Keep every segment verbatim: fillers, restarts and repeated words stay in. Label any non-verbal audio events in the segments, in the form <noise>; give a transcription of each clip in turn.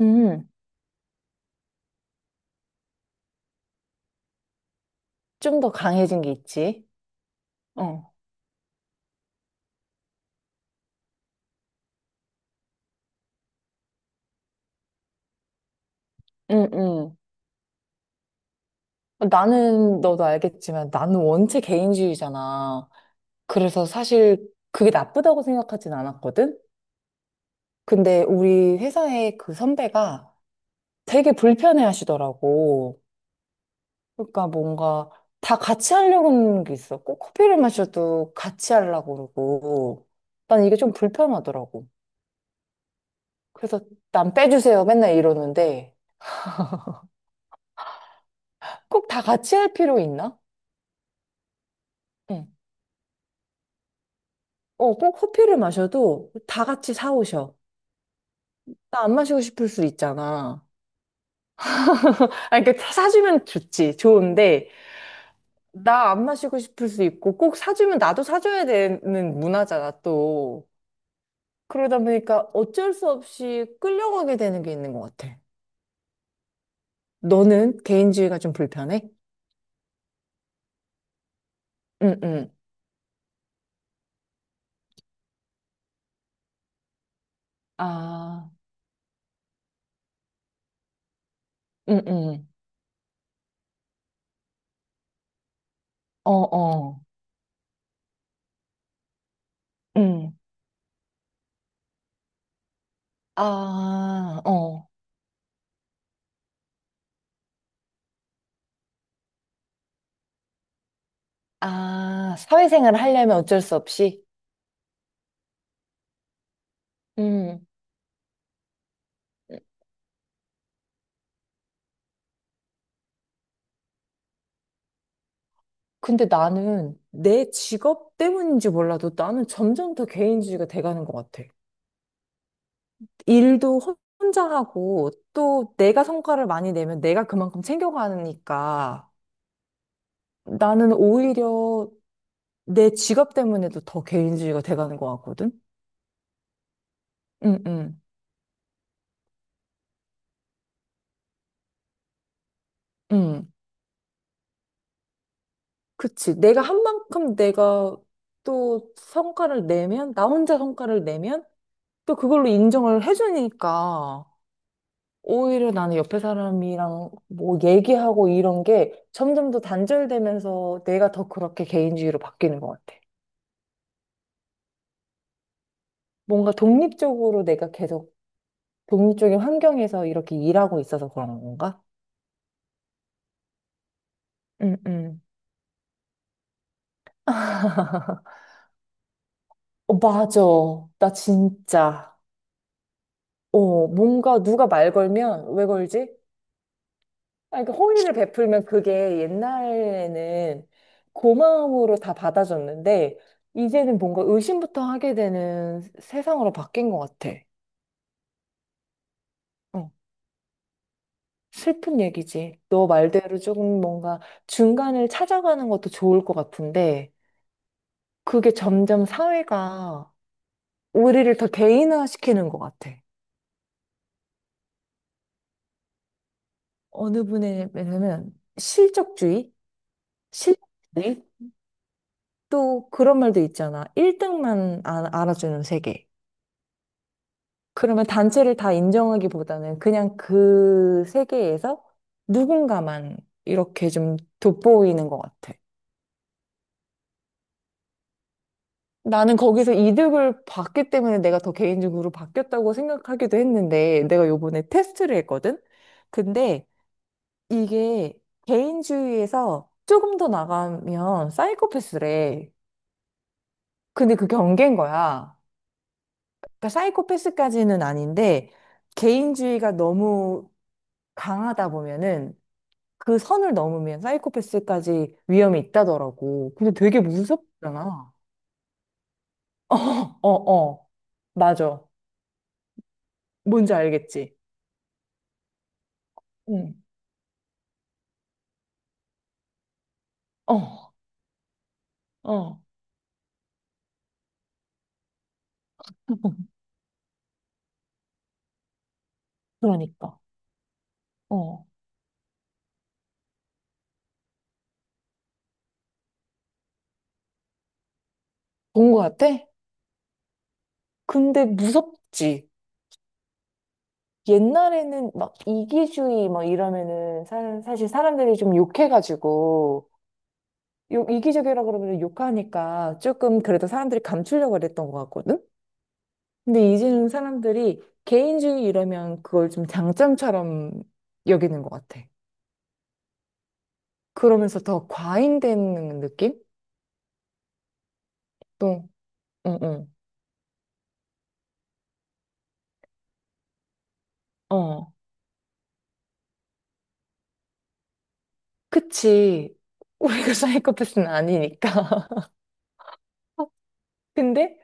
음, 좀 더 강해진 게 있지. 어, 응, 응. 나는, 너도 알겠지만, 나는 원체 개인주의잖아. 그래서 사실 그게 나쁘다고 생각하진 않았거든? 근데 우리 회사의 그 선배가 되게 불편해 하시더라고. 그러니까 뭔가 다 같이 하려고 하는 게 있어. 꼭 커피를 마셔도 같이 하려고 그러고. 난 이게 좀 불편하더라고. 그래서 난 빼주세요. 맨날 이러는데 꼭 다 같이 할 필요 있나? 응. 어, 꼭 커피를 마셔도 다 같이 사오셔. 나 안 마시고 싶을 수 있잖아. 아니, 그러니까 사주면 좋지, 좋은데, 나 안 마시고 싶을 수 있고, 꼭 사주면 나도 사줘야 되는 문화잖아, 또. 그러다 보니까 어쩔 수 없이 끌려가게 되는 게 있는 것 같아. 너는 개인주의가 좀 불편해? 응, 응. 아, 응, 응. 어, 어. 응. 아, 어. 아, 사회생활을 하려면 어쩔 수 없이? 음. 근데 나는 내 직업 때문인지 몰라도 나는 점점 더 개인주의가 돼가는 것 같아. 일도 혼- 혼자 하고 또 내가 성과를 많이 내면 내가 그만큼 챙겨가니까 나는 오히려 내 직업 때문에도 더 개인주의가 돼가는 것 같거든. 응, 응, 응. 그치. 내가 한 만큼 내가 또 성과를 내면, 나 혼자 성과를 내면 또 그걸로 인정을 해주니까. 오히려 나는 옆에 사람이랑 뭐 얘기하고 이런 게 점점 더 단절되면서 내가 더 그렇게 개인주의로 바뀌는 것 같아. 뭔가 독립적으로 내가 계속 독립적인 환경에서 이렇게 일하고 있어서 그런 건가? 응, 응. <laughs> 어, 맞아. 나 진짜. 어, 뭔가 누가 말 걸면 왜 걸지? 아니, 그 호의를 베풀면 그게 옛날에는 고마움으로 다 받아줬는데, 이제는 뭔가 의심부터 하게 되는 세상으로 바뀐 것 같아. 어, 슬픈 얘기지. 너 말대로 조금 뭔가 중간을 찾아가는 것도 좋을 것 같은데, 그게 점점 사회가 우리를 더 개인화시키는 것 같아. 어느 분에게는 실적주의, 실력주의, 또 그런 말도 있잖아. 일 등만 알아주는 세계. 그러면 단체를 다 인정하기보다는 그냥 그 세계에서 누군가만 이렇게 좀 돋보이는 것 같아. 나는 거기서 이득을 봤기 때문에 내가 더 개인적으로 바뀌었다고 생각하기도 했는데 내가 요번에 테스트를 했거든? 근데 이게 개인주의에서 조금 더 나가면 사이코패스래. 근데 그 경계인 거야. 그러니까 사이코패스까지는 아닌데 개인주의가 너무 강하다 보면은 그 선을 넘으면 사이코패스까지 위험이 있다더라고. 근데 되게 무섭잖아. 어, 어. 맞아. 뭔지 알겠지? 응. 어, 어. <laughs> 그러니까. 어. 본 것 같아? 근데 무섭지. 옛날에는 막 이기주의 막 이러면은 사, 사실 사람들이 좀 욕해가지고 욕, 이기적이라 그러면 욕하니까 조금 그래도 사람들이 감추려고 그랬던 것 같거든? 근데 이제는 사람들이 개인주의 이러면 그걸 좀 장점처럼 여기는 것 같아. 그러면서 더 과잉되는 느낌? 또, 어, 어, 어. 그치. 우리가 사이코패스는 아니니까. <laughs> 근데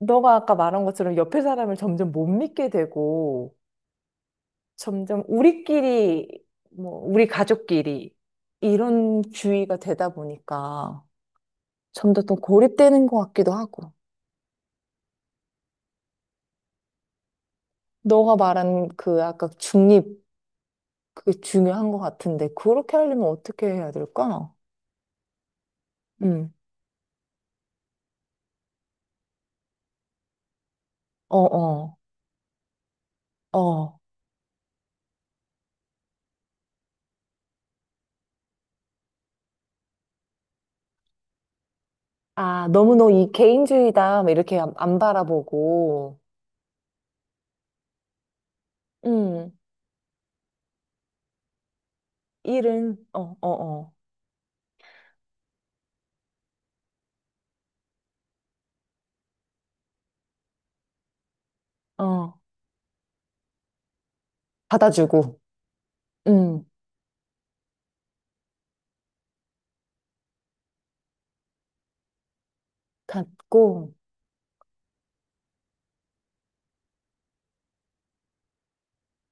너가 아까 말한 것처럼 옆에 사람을 점점 못 믿게 되고, 점점 우리끼리, 뭐, 우리 가족끼리, 이런 주의가 되다 보니까 점점 더 고립되는 것 같기도 하고. 너가 말한 그 아까 중립, 그게 중요한 것 같은데, 그렇게 하려면 어떻게 해야 될까? 음, 어, 어, 어. 아, 너무 너 이 개인주의다, 막 이렇게 안, 안 바라보고, 음, 일은, 어, 어, 어, 어, 받아주고, 음, 갖고,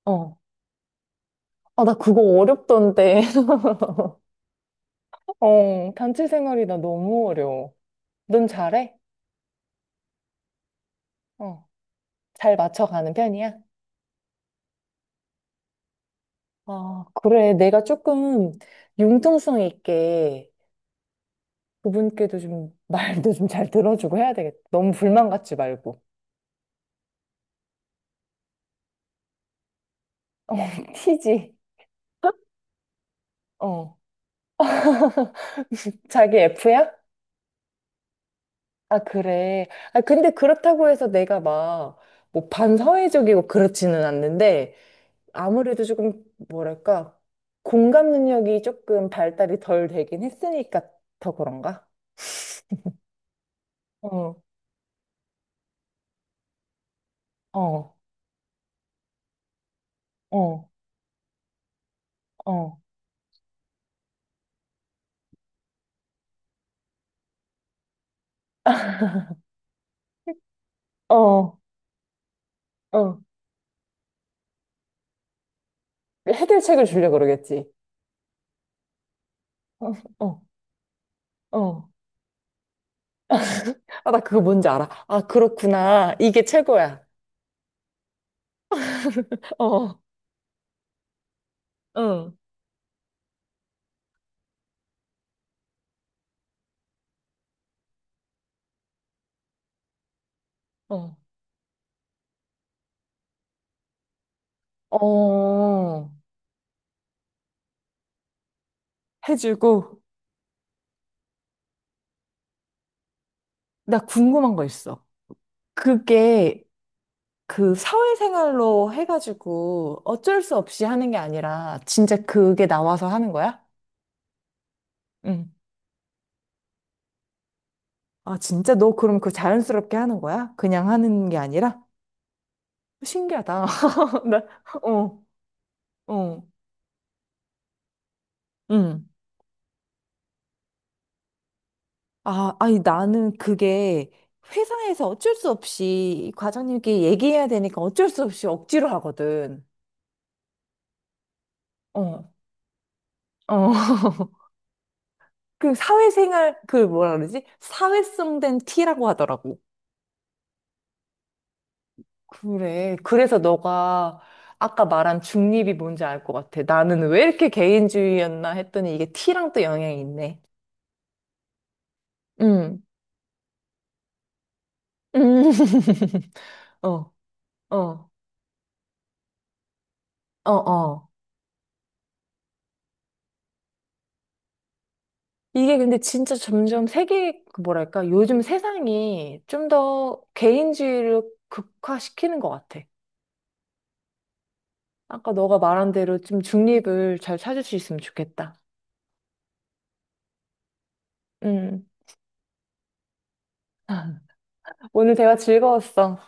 어. 아, 나 그거 어렵던데. <laughs> 어, 단체 생활이 나 너무 어려워. 넌 잘해? 어, 잘 맞춰가는 편이야? 아, 그래. 내가 조금 융통성 있게 그분께도 좀 말도 좀 잘 들어주고 해야 되겠다. 너무 불만 갖지 말고. 어, <laughs> 티지. 어. <laughs> 자기 에프야? 아, 그래. 아, 근데 그렇다고 해서 내가 막, 뭐, 반사회적이고 그렇지는 않는데, 아무래도 조금, 뭐랄까, 공감 능력이 조금 발달이 덜 되긴 했으니까 더 그런가? 어, 어, 어, 어, 어, 어. 해결책을 주려고 그러겠지. 어, 어, 어. 아, 나 그거 뭔지 알아. 아, 그렇구나. 이게 최고야. <laughs> 어, 응, 어, 어, 해주고, 나 궁금한 거 있어. 그게 그 사회생활로 해가지고 어쩔 수 없이 하는 게 아니라 진짜 그게 나와서 하는 거야? 응. 아, 진짜 너 그럼 그 자연스럽게 하는 거야? 그냥 하는 게 아니라? 신기하다. <laughs> 나, 어, 어, 응. 아, 아니, 나는 그게 회사에서 어쩔 수 없이 과장님께 얘기해야 되니까 어쩔 수 없이 억지로 하거든. 어. 어, <laughs> 그 사회생활, 그 뭐라 그러지? 사회성된 티라고 하더라고. 그래. 그래서 너가 아까 말한 중립이 뭔지 알 것 같아. 나는 왜 이렇게 개인주의였나 했더니 이게 티랑 또 영향이 있네. 응. 음. 음. <laughs> 어, 어, 어, 어. 이게 근데 진짜 점점 세계, 그 뭐랄까, 요즘 세상이 좀 더 개인주의를 극화시키는 것 같아. 아까 너가 말한 대로 좀 중립을 잘 찾을 수 있으면 좋겠다. 음. <laughs> 오늘 대화 즐거웠어.